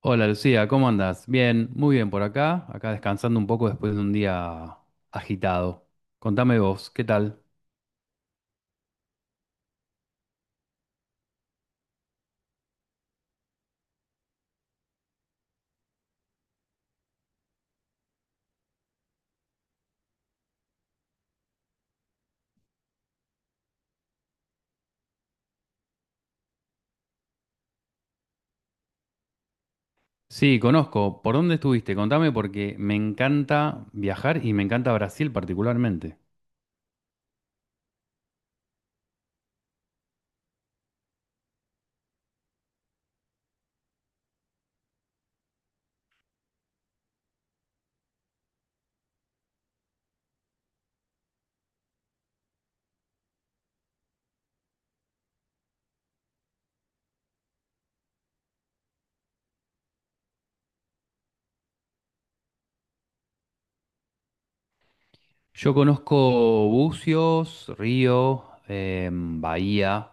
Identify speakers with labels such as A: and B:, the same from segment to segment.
A: Hola Lucía, ¿cómo andas? Bien, muy bien por acá, acá descansando un poco después de un día agitado. Contame vos, ¿qué tal? Sí, conozco. ¿Por dónde estuviste? Contame porque me encanta viajar y me encanta Brasil particularmente. Yo conozco Bucios, Río, Bahía,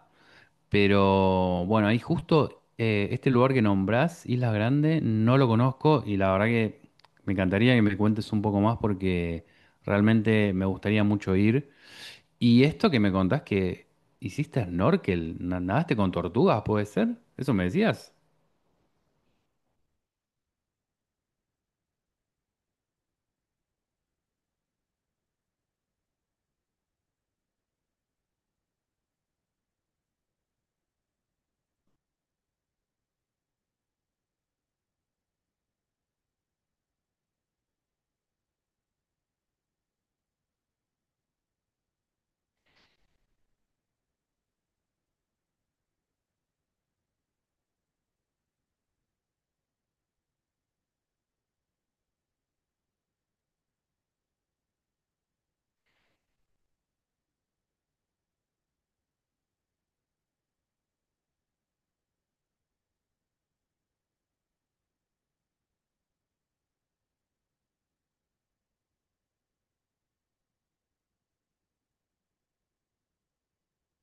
A: pero bueno, ahí justo este lugar que nombrás, Isla Grande, no lo conozco y la verdad que me encantaría que me cuentes un poco más porque realmente me gustaría mucho ir. Y esto que me contás que hiciste snorkel, nadaste con tortugas, ¿puede ser? ¿Eso me decías?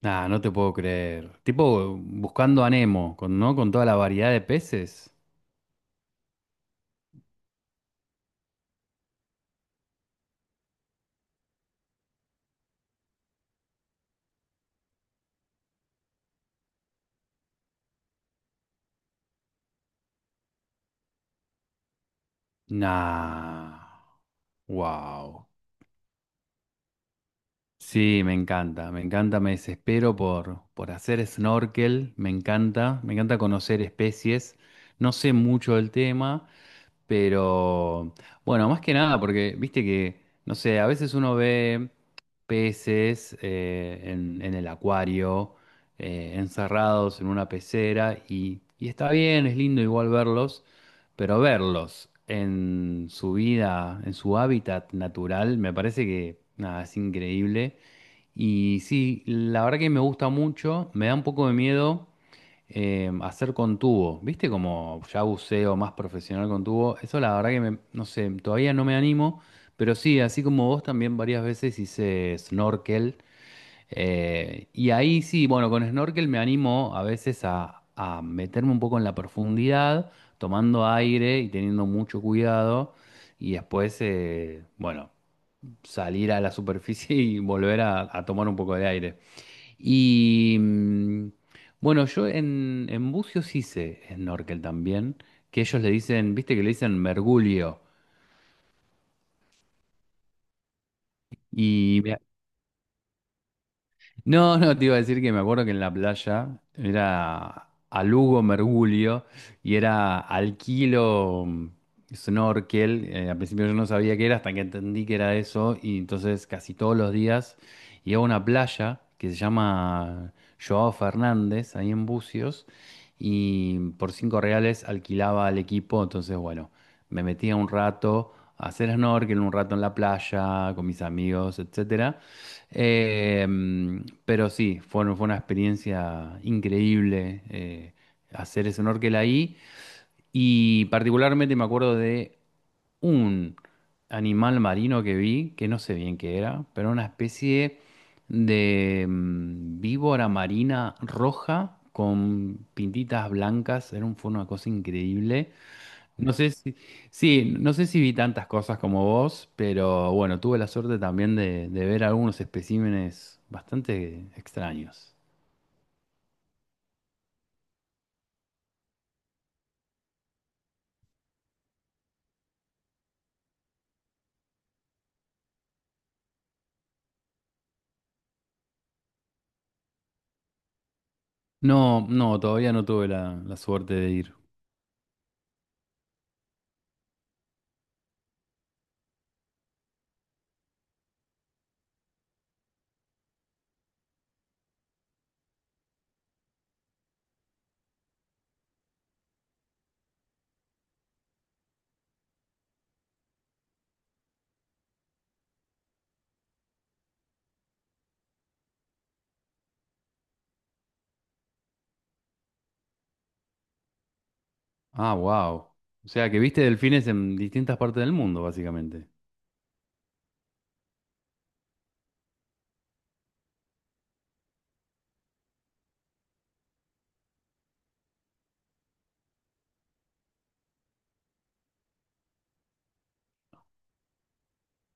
A: Ah, no te puedo creer. Tipo buscando a Nemo, con, ¿no? Con toda la variedad de peces. Nah. Wow. Sí, me encanta, me encanta, me desespero por hacer snorkel, me encanta conocer especies. No sé mucho del tema. Pero bueno, más que nada, porque viste que, no sé, a veces uno ve peces en el acuario, encerrados en una pecera, y está bien, es lindo igual verlos, pero verlos en su vida, en su hábitat natural, me parece que nada, es increíble. Y sí, la verdad que me gusta mucho, me da un poco de miedo hacer con tubo, ¿viste? Como ya buceo más profesional con tubo, eso la verdad que no sé, todavía no me animo, pero sí, así como vos también varias veces hice snorkel, y ahí sí, bueno, con snorkel me animo a veces a meterme un poco en la profundidad, tomando aire y teniendo mucho cuidado, y después, bueno, salir a la superficie y volver a tomar un poco de aire. Y bueno, yo en Bucios hice snorkel también, que ellos le dicen, viste que le dicen mergulio. Y me, No, no, te iba a decir que me acuerdo que en la playa era a Lugo Mergulio y era al kilo snorkel. Al principio yo no sabía qué era hasta que entendí que era eso y entonces casi todos los días iba a una playa que se llama Joao Fernández, ahí en Bucios, y por 5 reales alquilaba al equipo, entonces bueno, me metía un rato a hacer snorkel, un rato en la playa con mis amigos, etcétera. Pero sí, fue, fue una experiencia increíble hacer ese snorkel ahí. Y particularmente me acuerdo de un animal marino que vi, que no sé bien qué era, pero una especie de víbora marina roja con pintitas blancas. Era un, fue una cosa increíble. No sé si, sí, no sé si vi tantas cosas como vos, pero bueno, tuve la suerte también de ver algunos especímenes bastante extraños. No, no, todavía no tuve la, la suerte de ir. Ah, wow. O sea que viste delfines en distintas partes del mundo, básicamente.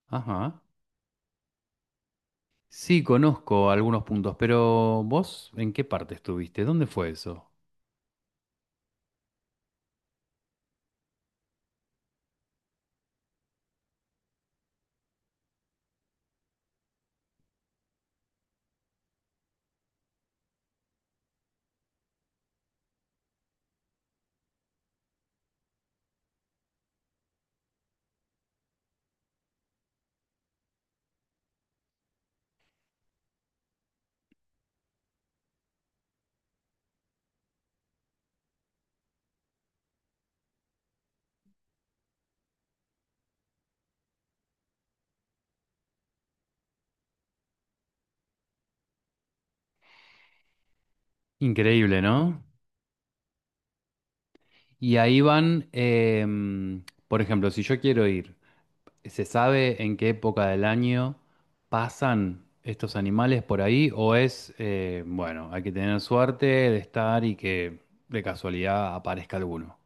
A: Ajá. Sí, conozco algunos puntos, pero vos, ¿en qué parte estuviste? ¿Dónde fue eso? Increíble, ¿no? Y ahí van, por ejemplo, si yo quiero ir. ¿Se sabe en qué época del año pasan estos animales por ahí? ¿O es, bueno, hay que tener suerte de estar y que de casualidad aparezca alguno?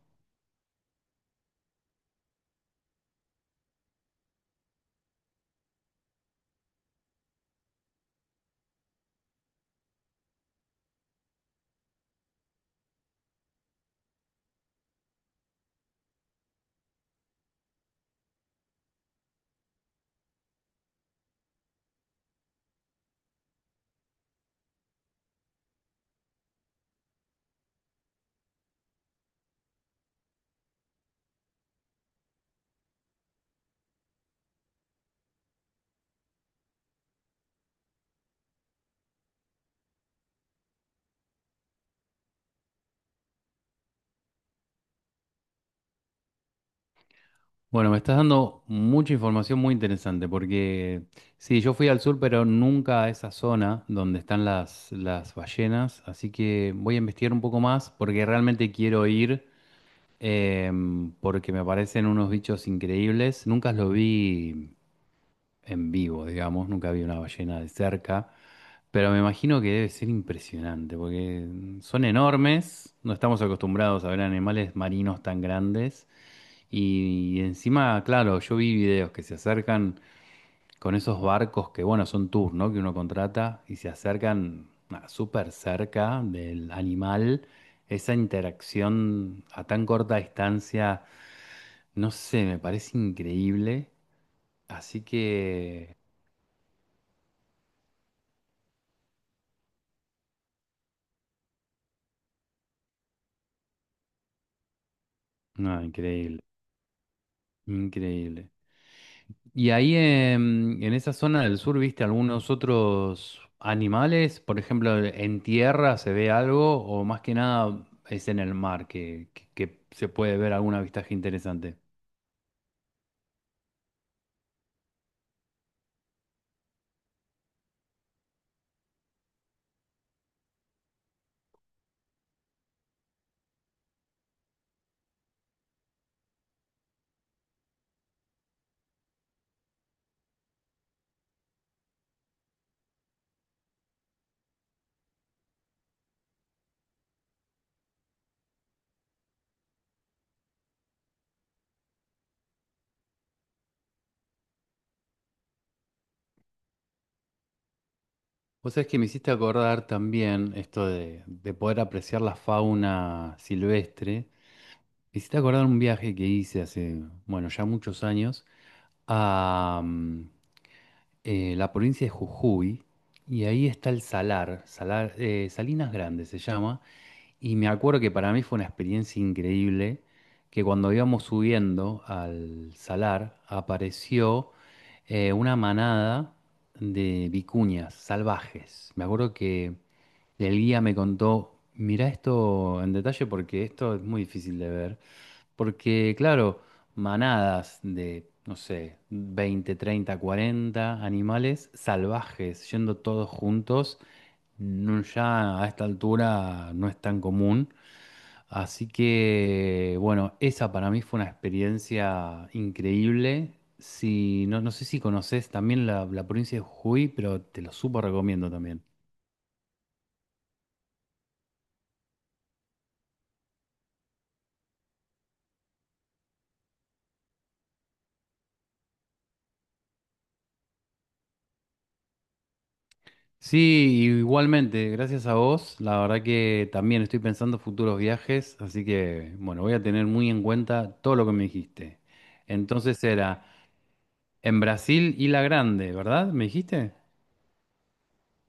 A: Bueno, me estás dando mucha información muy interesante porque sí, yo fui al sur, pero nunca a esa zona donde están las ballenas, así que voy a investigar un poco más porque realmente quiero ir, porque me parecen unos bichos increíbles. Nunca los vi en vivo, digamos, nunca vi una ballena de cerca, pero me imagino que debe ser impresionante, porque son enormes, no estamos acostumbrados a ver animales marinos tan grandes, y, encima, claro, yo vi videos que se acercan con esos barcos que, bueno, son tours, ¿no? Que uno contrata y se acercan ah, súper cerca del animal. Esa interacción a tan corta distancia, no sé, me parece increíble. Así que, no, increíble. Increíble. ¿Y ahí en esa zona del sur viste algunos otros animales? Por ejemplo, ¿en tierra se ve algo o más que nada es en el mar que, que se puede ver algún avistaje interesante? Vos sabés que me hiciste acordar también esto de poder apreciar la fauna silvestre. Me hiciste acordar un viaje que hice hace, bueno, ya muchos años la provincia de Jujuy, y ahí está el Salar, Salar, Salinas grandes se llama, y me acuerdo que para mí fue una experiencia increíble, que cuando íbamos subiendo al Salar apareció una manada de vicuñas salvajes. Me acuerdo que el guía me contó, mirá esto en detalle porque esto es muy difícil de ver. Porque, claro, manadas de, no sé, 20, 30, 40 animales salvajes yendo todos juntos, ya a esta altura no es tan común. Así que, bueno, esa para mí fue una experiencia increíble. Si, no, no sé si conoces también la provincia de Jujuy, pero te lo súper recomiendo también. Sí, igualmente, gracias a vos. La verdad que también estoy pensando futuros viajes, así que bueno, voy a tener muy en cuenta todo lo que me dijiste. Entonces era en Brasil y La Grande, ¿verdad? ¿Me dijiste?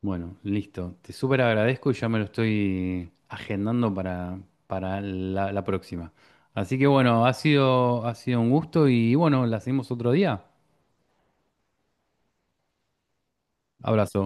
A: Bueno, listo. Te súper agradezco y ya me lo estoy agendando para la, la próxima. Así que bueno, ha sido un gusto y bueno, la seguimos otro día. Abrazo.